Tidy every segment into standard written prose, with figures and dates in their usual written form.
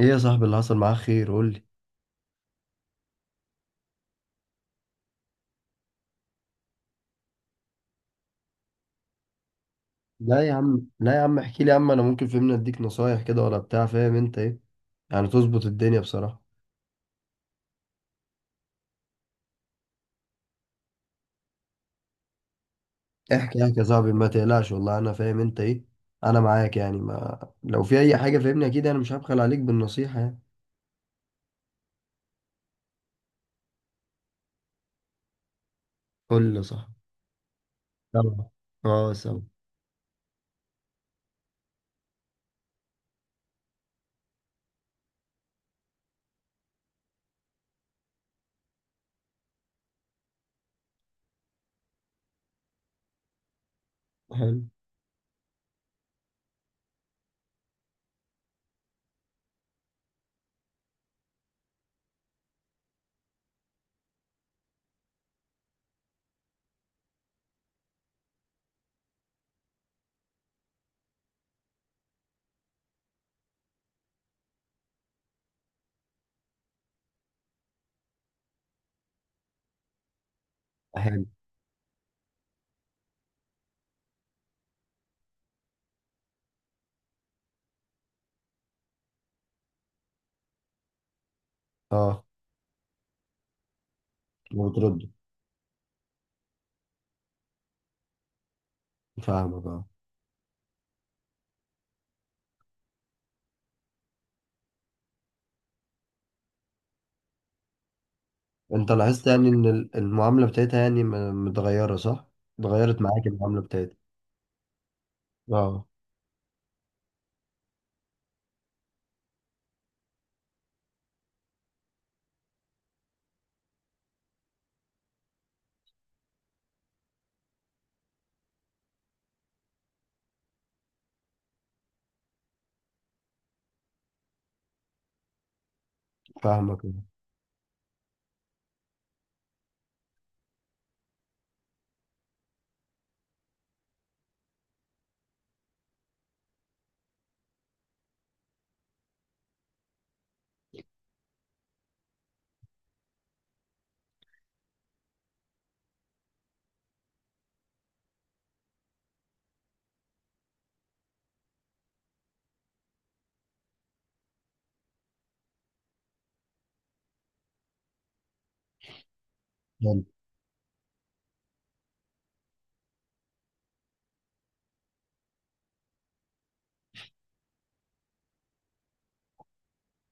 ايه يا صاحبي، اللي حصل معاك خير قول لي. لا يا عم لا يا عم احكي لي يا عم، انا ممكن فهمني اديك نصايح كده ولا بتاع، فاهم انت ايه يعني تظبط الدنيا بصراحة. احكي احكي يا صاحبي ما تقلقش، والله انا فاهم انت ايه، انا معاك يعني، ما لو في اي حاجة فهمني اكيد انا مش هبخل عليك بالنصيحة يعني. قول لي يا صاحبي. سامع. اه سامع. حلو. حلو. اه. وبترد؟ فاهمك اه. انت لاحظت يعني ان المعاملة بتاعتها يعني متغيرة صح؟ اتغيرت معاك المعاملة بتاعتها. اه فاهمك آه. حلو.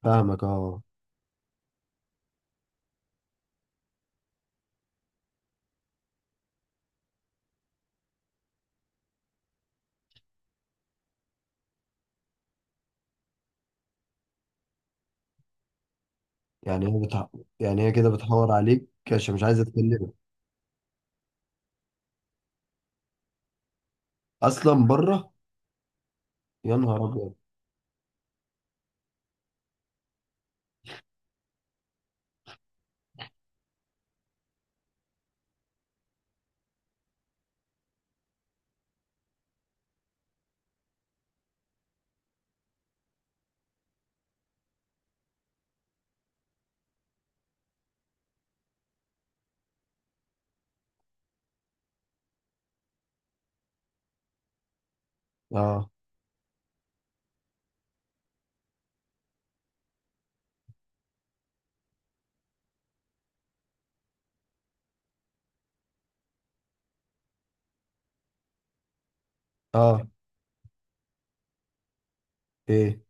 فاهمك اه. يعني هي بتح... يعني هي كده بتحور عليك عشان مش عايزه تكلمك. اصلا بره. يا نهار ابيض. اه اه. ايه.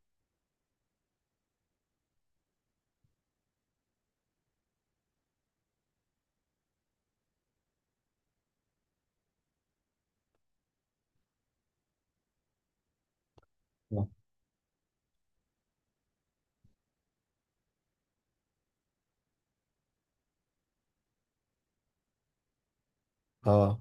اه. آه.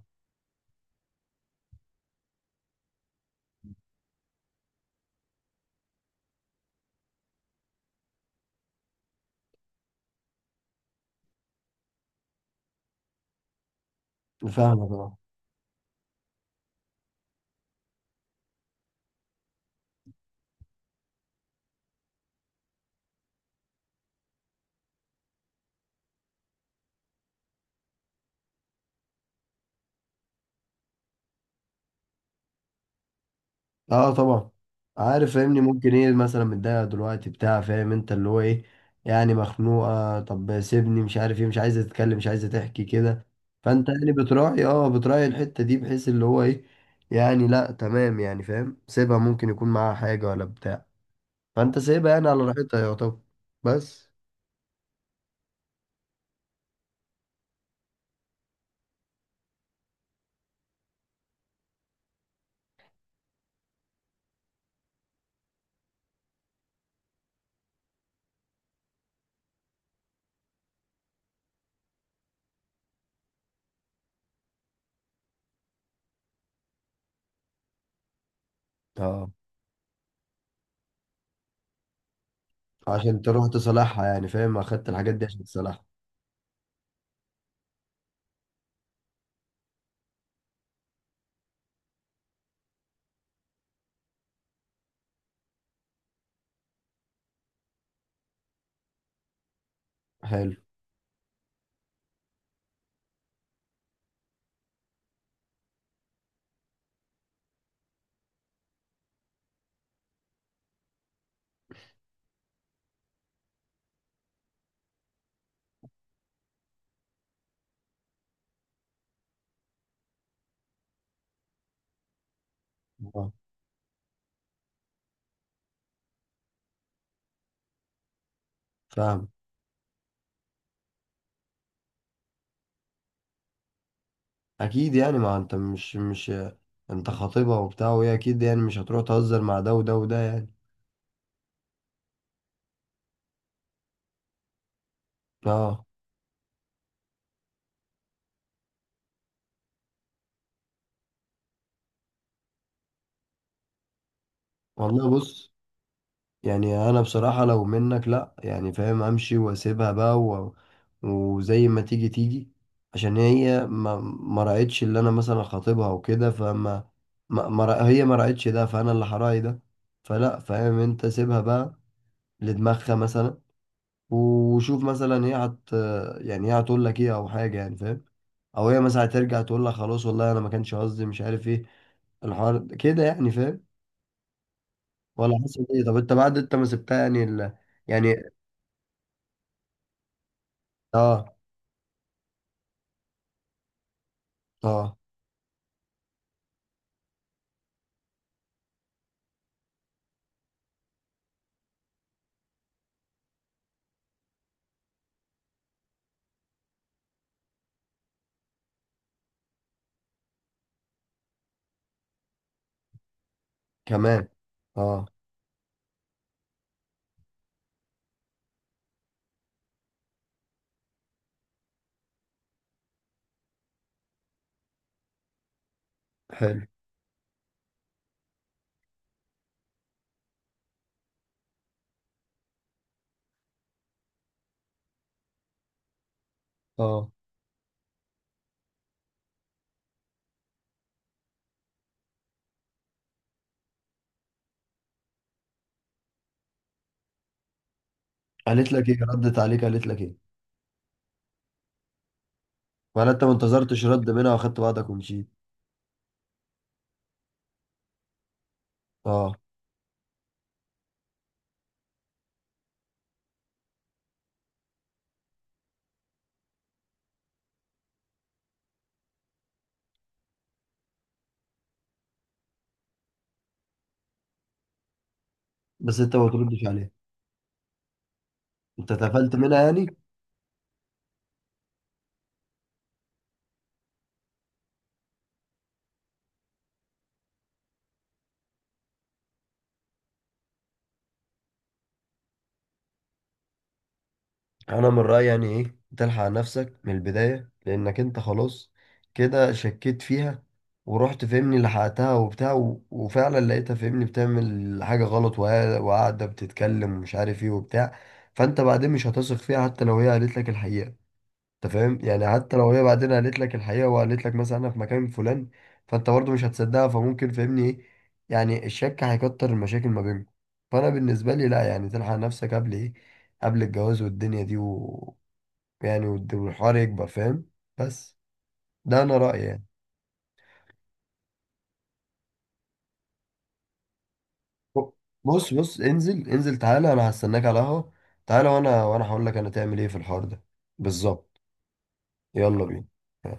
فاهمك اه. اه طبعا. عارف فاهمني، ممكن ايه مثلا متضايقه دلوقتي بتاع، فاهم انت اللي هو ايه، يعني مخنوقه، طب سيبني مش عارف ايه، مش عايزه تتكلم مش عايزه تحكي كده. فانت يعني بتراعي اه بتراعي الحته دي بحيث اللي هو ايه، يعني لا تمام يعني فاهم، سيبها ممكن يكون معاها حاجه ولا بتاع، فانت سيبها يعني على راحتها يا طب. بس اه. عشان تروح تصلحها يعني فاهم، اخدت الحاجات دي عشان تصلحها. حلو. اه فاهم. اكيد يعني، ما انت مش، انت خاطبها وبتاع وهي اكيد يعني مش هتروح تهزر مع ده وده وده يعني. اه. والله بص، يعني انا بصراحة لو منك لا يعني فاهم امشي واسيبها بقى و، وزي ما تيجي تيجي، عشان هي ما راعتش اللي انا مثلا خاطبها وكده، فما ما... ما... رأ- هي ما راعتش ده، فانا اللي هراعي ده. فلا فاهم، انت سيبها بقى لدماغها مثلا، وشوف مثلا هي هت يعني هي هتقول لك ايه او حاجه يعني فاهم. او هي مثلا هترجع تقول لك خلاص والله انا ما كانش قصدي، مش عارف ايه الحوار كده يعني فاهم. ولا حاسس ايه، طب انت بعد انت ما سبتها يعني ال، يعني. اه. اه. كمان. اه. حلو. اه. قالت لك ايه؟ ردت عليك قالت لك ايه؟ ولا انت ما انتظرتش رد منها واخدت بعضك ومشيت؟ اه. بس انت ما تردش عليها. انت اتقفلت منها يعني. انا من رايي يعني ايه، تلحق نفسك من البدايه، لانك انت خلاص كده شكيت فيها، ورحت فهمني لحقتها وبتاع وفعلا لقيتها فهمني بتعمل حاجه غلط وقاعده بتتكلم ومش عارف ايه وبتاع. فانت بعدين مش هتثق فيها حتى لو هي قالت لك الحقيقه، انت فاهم يعني، حتى لو هي بعدين قالت لك الحقيقه وقالت لك مثلا انا في مكان فلان، فانت برضه مش هتصدقها، فممكن فاهمني ايه، يعني الشك هيكتر المشاكل ما بينكم. فانا بالنسبه لي لا يعني، تلحق نفسك قبل ايه، قبل الجواز والدنيا دي و، يعني والحوار يكبر فاهم. بس، ده انا رايي يعني. ب- بص بص، انزل انزل تعالى، انا هستناك على القهوه. تعالى، وانا هقول لك انا تعمل ايه في الحوار ده. بالظبط. يلا بينا.